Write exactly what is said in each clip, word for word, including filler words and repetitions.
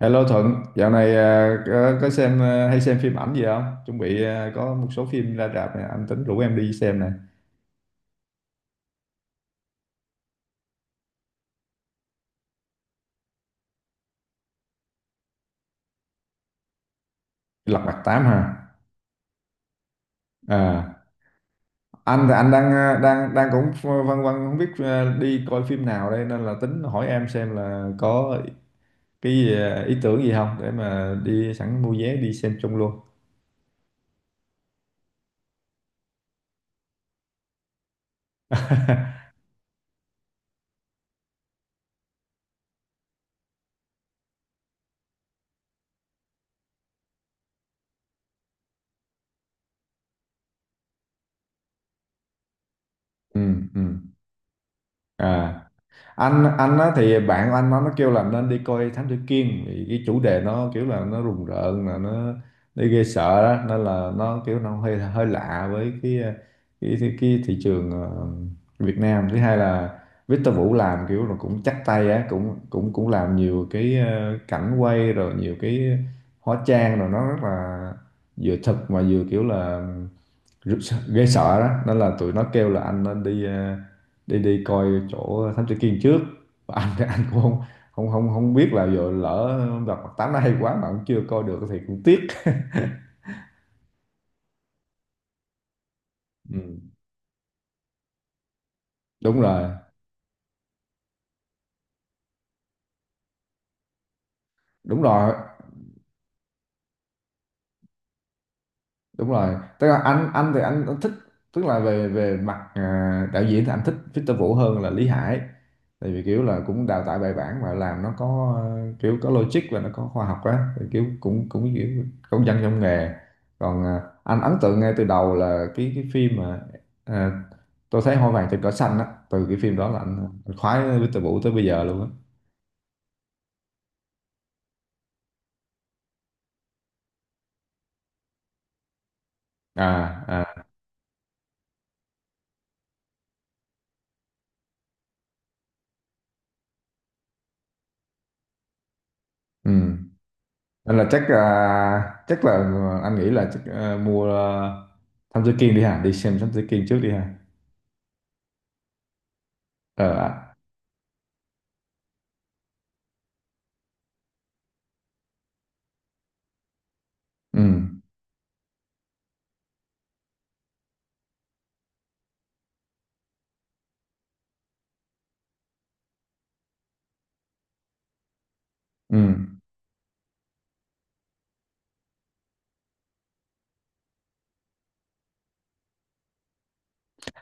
Hello Thuận, dạo này à, có, có xem à, hay xem phim ảnh gì không? Chuẩn bị à, có một số phim ra rạp này, anh tính rủ em đi xem này. Lật Mặt Tám hả? À, anh thì anh đang à, đang đang cũng văn văn không biết à, đi coi phim nào đây, nên là tính hỏi em xem là có cái à, ý tưởng gì không để mà đi sẵn mua vé đi xem chung luôn. Ừ, ừ. À, anh anh á, thì bạn của anh nó nó kêu là nên đi coi Thám Tử Kiên vì cái chủ đề nó kiểu là nó rùng rợn, là nó nó ghê sợ đó, nên là nó kiểu nó hơi hơi lạ với cái cái cái, cái thị trường ờ, Việt Nam. Thứ hai là Victor Vũ làm kiểu là cũng chắc tay á, cũng cũng cũng làm nhiều cái ờ, cảnh quay, rồi nhiều cái hóa trang, rồi nó rất là vừa thực mà vừa kiểu là rất sợ- ghê sợ đó, nên là tụi nó kêu là anh nên đi ờ, đi đi coi chỗ thám tử Kiên trước. Và anh thì anh cũng không không không không biết là giờ lỡ gặp mặt tám nó hay quá mà cũng chưa coi được thì cũng tiếc. Ừ. Đúng rồi, đúng rồi, đúng rồi, tức là anh anh thì anh, anh thích, tức là về về mặt à, đạo diễn thì anh thích Victor Vũ hơn là Lý Hải, tại vì kiểu là cũng đào tạo bài bản và làm nó có ờ, kiểu có logic và nó có khoa học á, thì kiểu cũng cũng kiểu công dân trong nghề. Còn à, anh ấn tượng ngay từ đầu là cái cái phim mà à, tôi Thấy Hoa Vàng Trên Cỏ Xanh á, từ cái phim đó là anh, anh khoái Victor Vũ tới bây giờ luôn á. À, à, ừ. Nên là chắc à, chắc là anh nghĩ là chắc à, mua uh, Thám Tử Kiên đi ha, đi xem Thám Tử Kiên trước đi ha. Ờ. À, ừ, ừ.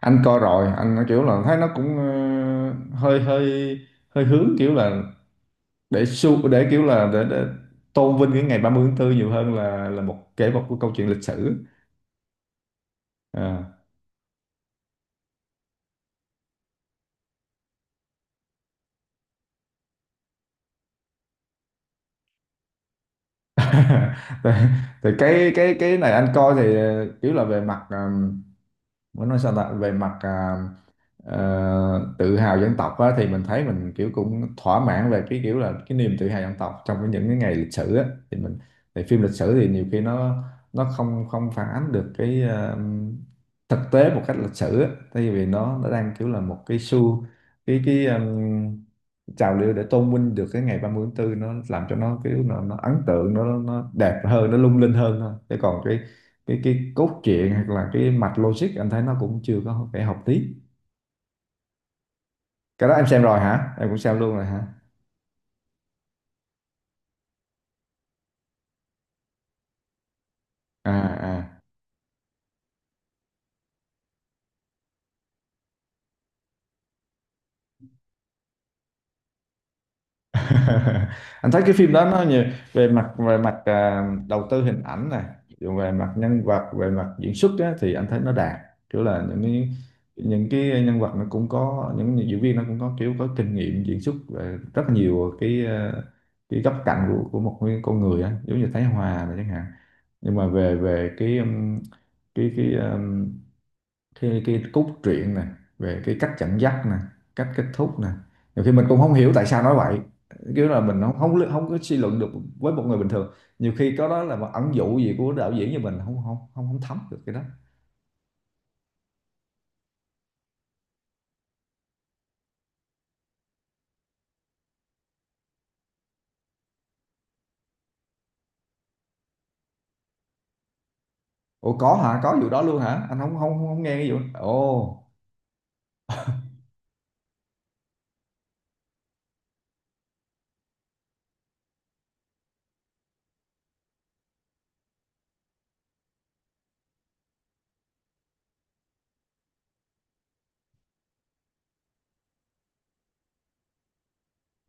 Anh coi rồi, anh nói kiểu là thấy nó cũng ờ, hơi hơi hơi hướng kiểu là để su để kiểu là để, để tôn vinh cái ngày ba mươi tháng tư nhiều hơn là là một kể một cái câu chuyện lịch sử. à. thì, thì cái cái cái này anh coi thì ờ, kiểu là về mặt ờ, muốn nói sao ta, về mặt ờ, tự hào dân tộc á, thì mình thấy mình kiểu cũng thỏa mãn về cái kiểu là cái niềm tự hào dân tộc trong cái những cái ngày lịch sử á, thì mình, thì phim lịch sử thì nhiều khi nó nó không không phản ánh được cái ờ, thực tế một cách lịch sử á, tại vì nó nó đang kiểu là một cái xu, cái cái ừm, trào lưu để tôn vinh được cái ngày ba mươi tháng tư, nó làm cho nó kiểu nó, nó ấn tượng, nó nó đẹp hơn, nó lung linh hơn thôi. Chứ còn cái cái cái cốt truyện hoặc là cái mạch logic anh thấy nó cũng chưa có phải học tí. Cái đó em xem rồi hả? Em cũng xem luôn rồi hả? À, à. Anh thấy cái phim đó nó nhiều về mặt, về mặt à, đầu tư hình ảnh này, rồi về mặt nhân vật, về mặt diễn xuất á, thì anh thấy nó đạt. Kiểu là những cái những cái nhân vật, nó cũng có những diễn viên nó cũng có kiểu có kinh nghiệm diễn xuất về rất nhiều cái à, cái góc cạnh của của một cái con người á, giống như Thái Hòa này chẳng hạn. Nhưng mà về về cái um, cái cái cái cái cốt truyện nè, về cái cách dẫn dắt nè, cách kết thúc nè, nhiều khi mình cũng không hiểu tại sao nói vậy, kiểu là mình không không không có suy luận được với một người bình thường, nhiều khi có đó là một ẩn dụ gì của đạo diễn như mình không không không không thấm được cái đó. Ủa, có hả, có vụ đó luôn hả? Anh không không không nghe cái vụ ồ.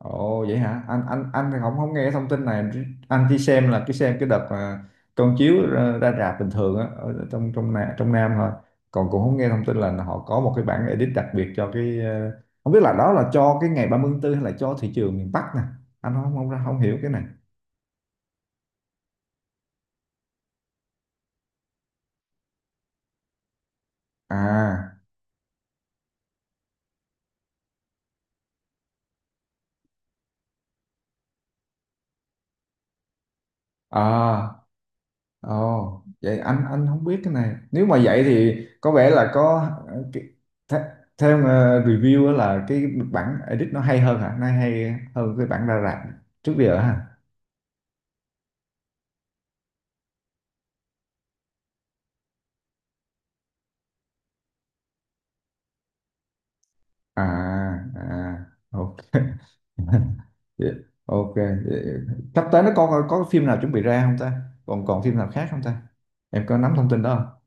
Ồ, vậy hả? Anh anh anh thì không không nghe thông tin này. Anh chỉ xem là cái, xem cái đợt mà con chiếu ra, ra rạp bình thường á, ở trong trong Nam, trong Nam thôi. Còn cũng không nghe thông tin là họ có một cái bản edit đặc biệt cho cái ờ, không biết là đó là cho cái ngày ba mươi tháng tư hay là cho thị trường miền Bắc nè. Anh không không không hiểu cái này. À, à. Ồ, vậy anh anh không biết cái này. Nếu mà vậy thì có vẻ là có ờ, cái- th theo ờ, review á là cái bản edit nó hay hơn hả? Nó hay hơn cái bản ra rạp trước giờ hả? À, à, ok. Vậy- ok, vậy sắp tới nó có có phim nào chuẩn bị ra không ta? Còn còn phim nào khác không ta? Em có nắm thông tin đó?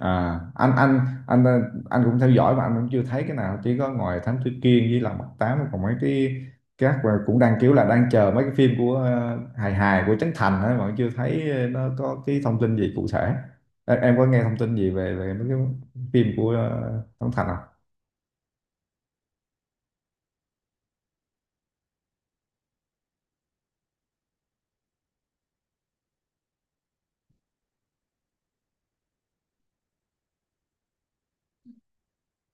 À, anh anh anh ờ, anh cũng theo dõi mà anh cũng chưa thấy cái nào, chỉ có ngoài Thám Tử Kiên với Lòng Mặt Tám, còn mấy cái các, và cũng đang kiểu là đang chờ mấy cái phim của ờ, hài hài của Trấn Thành ấy, mà chưa thấy ờ, nó có cái thông tin gì cụ thể. Em, em có nghe thông tin gì về về mấy cái phim của ờ, Trấn Thành không?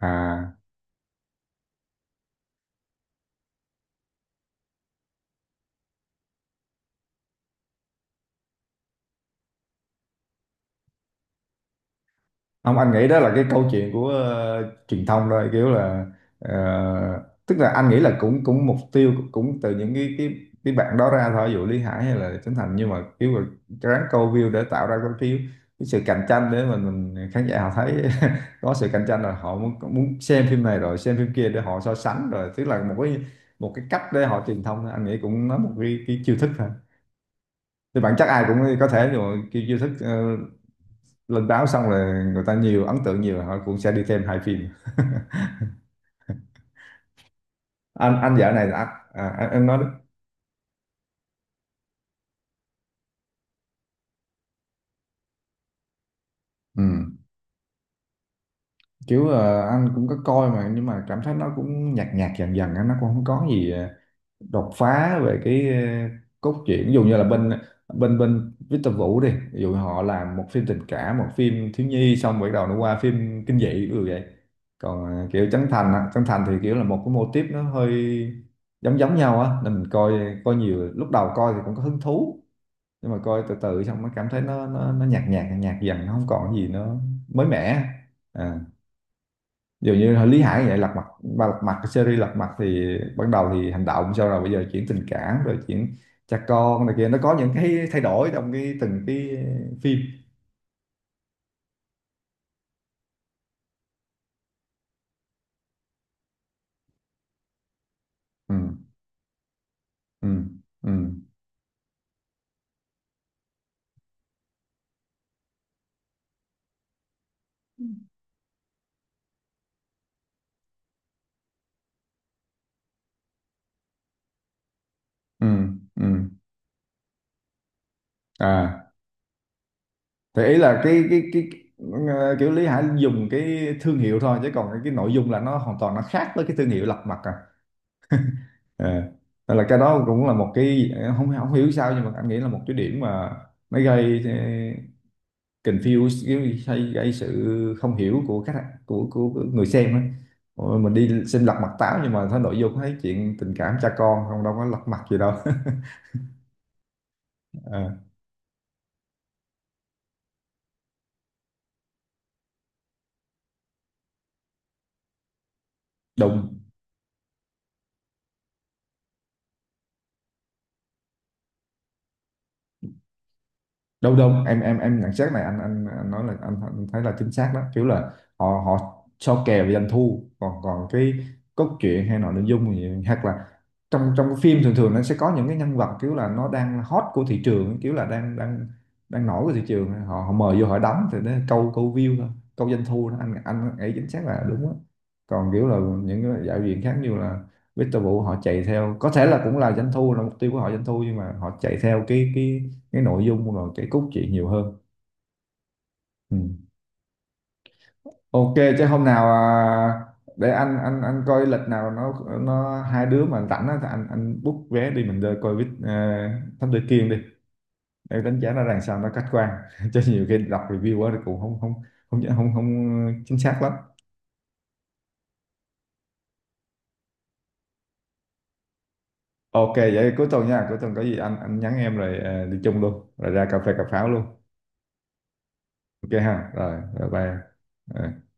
À. Không, anh nghĩ đó là cái câu chuyện của ờ, truyền thông thôi, kiểu là ờ, tức là anh nghĩ là cũng cũng mục tiêu cũng từ những cái cái cái bạn đó ra thôi, ví dụ Lý Hải hay là Trấn Thành, nhưng mà kiểu là ráng câu view để tạo ra cái phiếu, cái sự cạnh tranh để mà mình, khán giả họ thấy có sự cạnh tranh rồi họ muốn muốn xem phim này rồi xem phim kia để họ so sánh, rồi tức là một cái một cái cách để họ truyền thông thôi. Anh nghĩ cũng nó một cái, cái chiêu thức thôi, thì bản chất ai cũng có thể, rồi cái chiêu thức ờ, lên báo xong là người ta nhiều ấn tượng nhiều, họ cũng sẽ đi thêm hai phim. anh anh dạo này là anh, à, anh em nói đó. Ừ. Kiểu ờ, anh cũng có coi mà nhưng mà cảm thấy nó cũng nhạt nhạt dần dần á, nó cũng không có gì ờ, đột phá về cái ờ, cốt truyện, ví dụ như là bên bên bên Victor Vũ đi, ví dụ họ làm một phim tình cảm, một phim thiếu nhi, xong rồi bắt đầu nó qua phim kinh dị ví dụ vậy. Còn ờ, kiểu Trấn Thành á, Trấn Thành thì kiểu là một cái mô típ nó hơi giống giống nhau á, nên mình coi, coi nhiều, lúc đầu coi thì cũng có hứng thú, nhưng mà coi từ từ xong mới cảm thấy nó nó nó nhạt nhạt nhạt dần, nó không còn gì nó mới mẻ. à Dường như hồi Lý Hải vậy, lật mặt ba, lật mặt, cái series lật mặt thì ban đầu thì hành động, sau rồi bây giờ chuyển tình cảm, rồi chuyển cha con này kia, nó có những cái thay đổi trong cái từng cái phim. Ừ, ừ, ừ, ừ, ừ. À. Thì ý là cái cái cái, ờ, kiểu Lý Hải dùng cái thương hiệu thôi, chứ còn cái, cái nội dung là nó hoàn toàn nó khác với cái thương hiệu lật mặt à. à, nên là cái đó cũng là một cái, không không hiểu sao nhưng mà anh nghĩ là một cái điểm mà nó gây eh, confuse, gây, gây gây sự không hiểu của khách, của, của, của người xem á. Ôi, mình đi xem lật mặt táo nhưng mà thấy nội dung, thấy chuyện tình cảm cha con, không đâu có lật mặt gì đâu. à, đùng. Đâu đâu, em em em nhận xét này anh anh, anh nói là anh, anh thấy là chính xác đó, kiểu là họ họ so kè về doanh thu, còn còn cái cốt truyện hay nội nội dung gì, hoặc là trong trong cái phim thường thường nó sẽ có những cái nhân vật kiểu là nó đang hot của thị trường, kiểu là đang đang đang nổi của thị trường, họ, họ mời vô họ đóng thì nó câu câu view thôi, câu doanh thu đó. anh anh ấy chính xác là đúng á. Còn kiểu là những cái đạo diễn khác như là Victor Vũ, họ chạy theo có thể là cũng là doanh thu là mục tiêu của họ, doanh thu, nhưng mà họ chạy theo cái cái cái nội dung và cái cốt truyện nhiều hơn. Ừ. Ok, chứ hôm nào à, để anh anh anh coi lịch nào nó nó hai đứa mà rảnh á, thì anh anh book vé đi mình đi coi với uh, Thám Tử Kiên đi, để đánh giá nó rằng sao nó khách quan. Chứ nhiều khi đọc review quá thì cũng không không không không không chính xác lắm. Ok, vậy cuối tuần nha, cuối tuần có gì anh anh nhắn em, rồi ờ, đi chung luôn, rồi ra cà phê cà pháo luôn. Ok ha, rồi rồi bye. Ờ.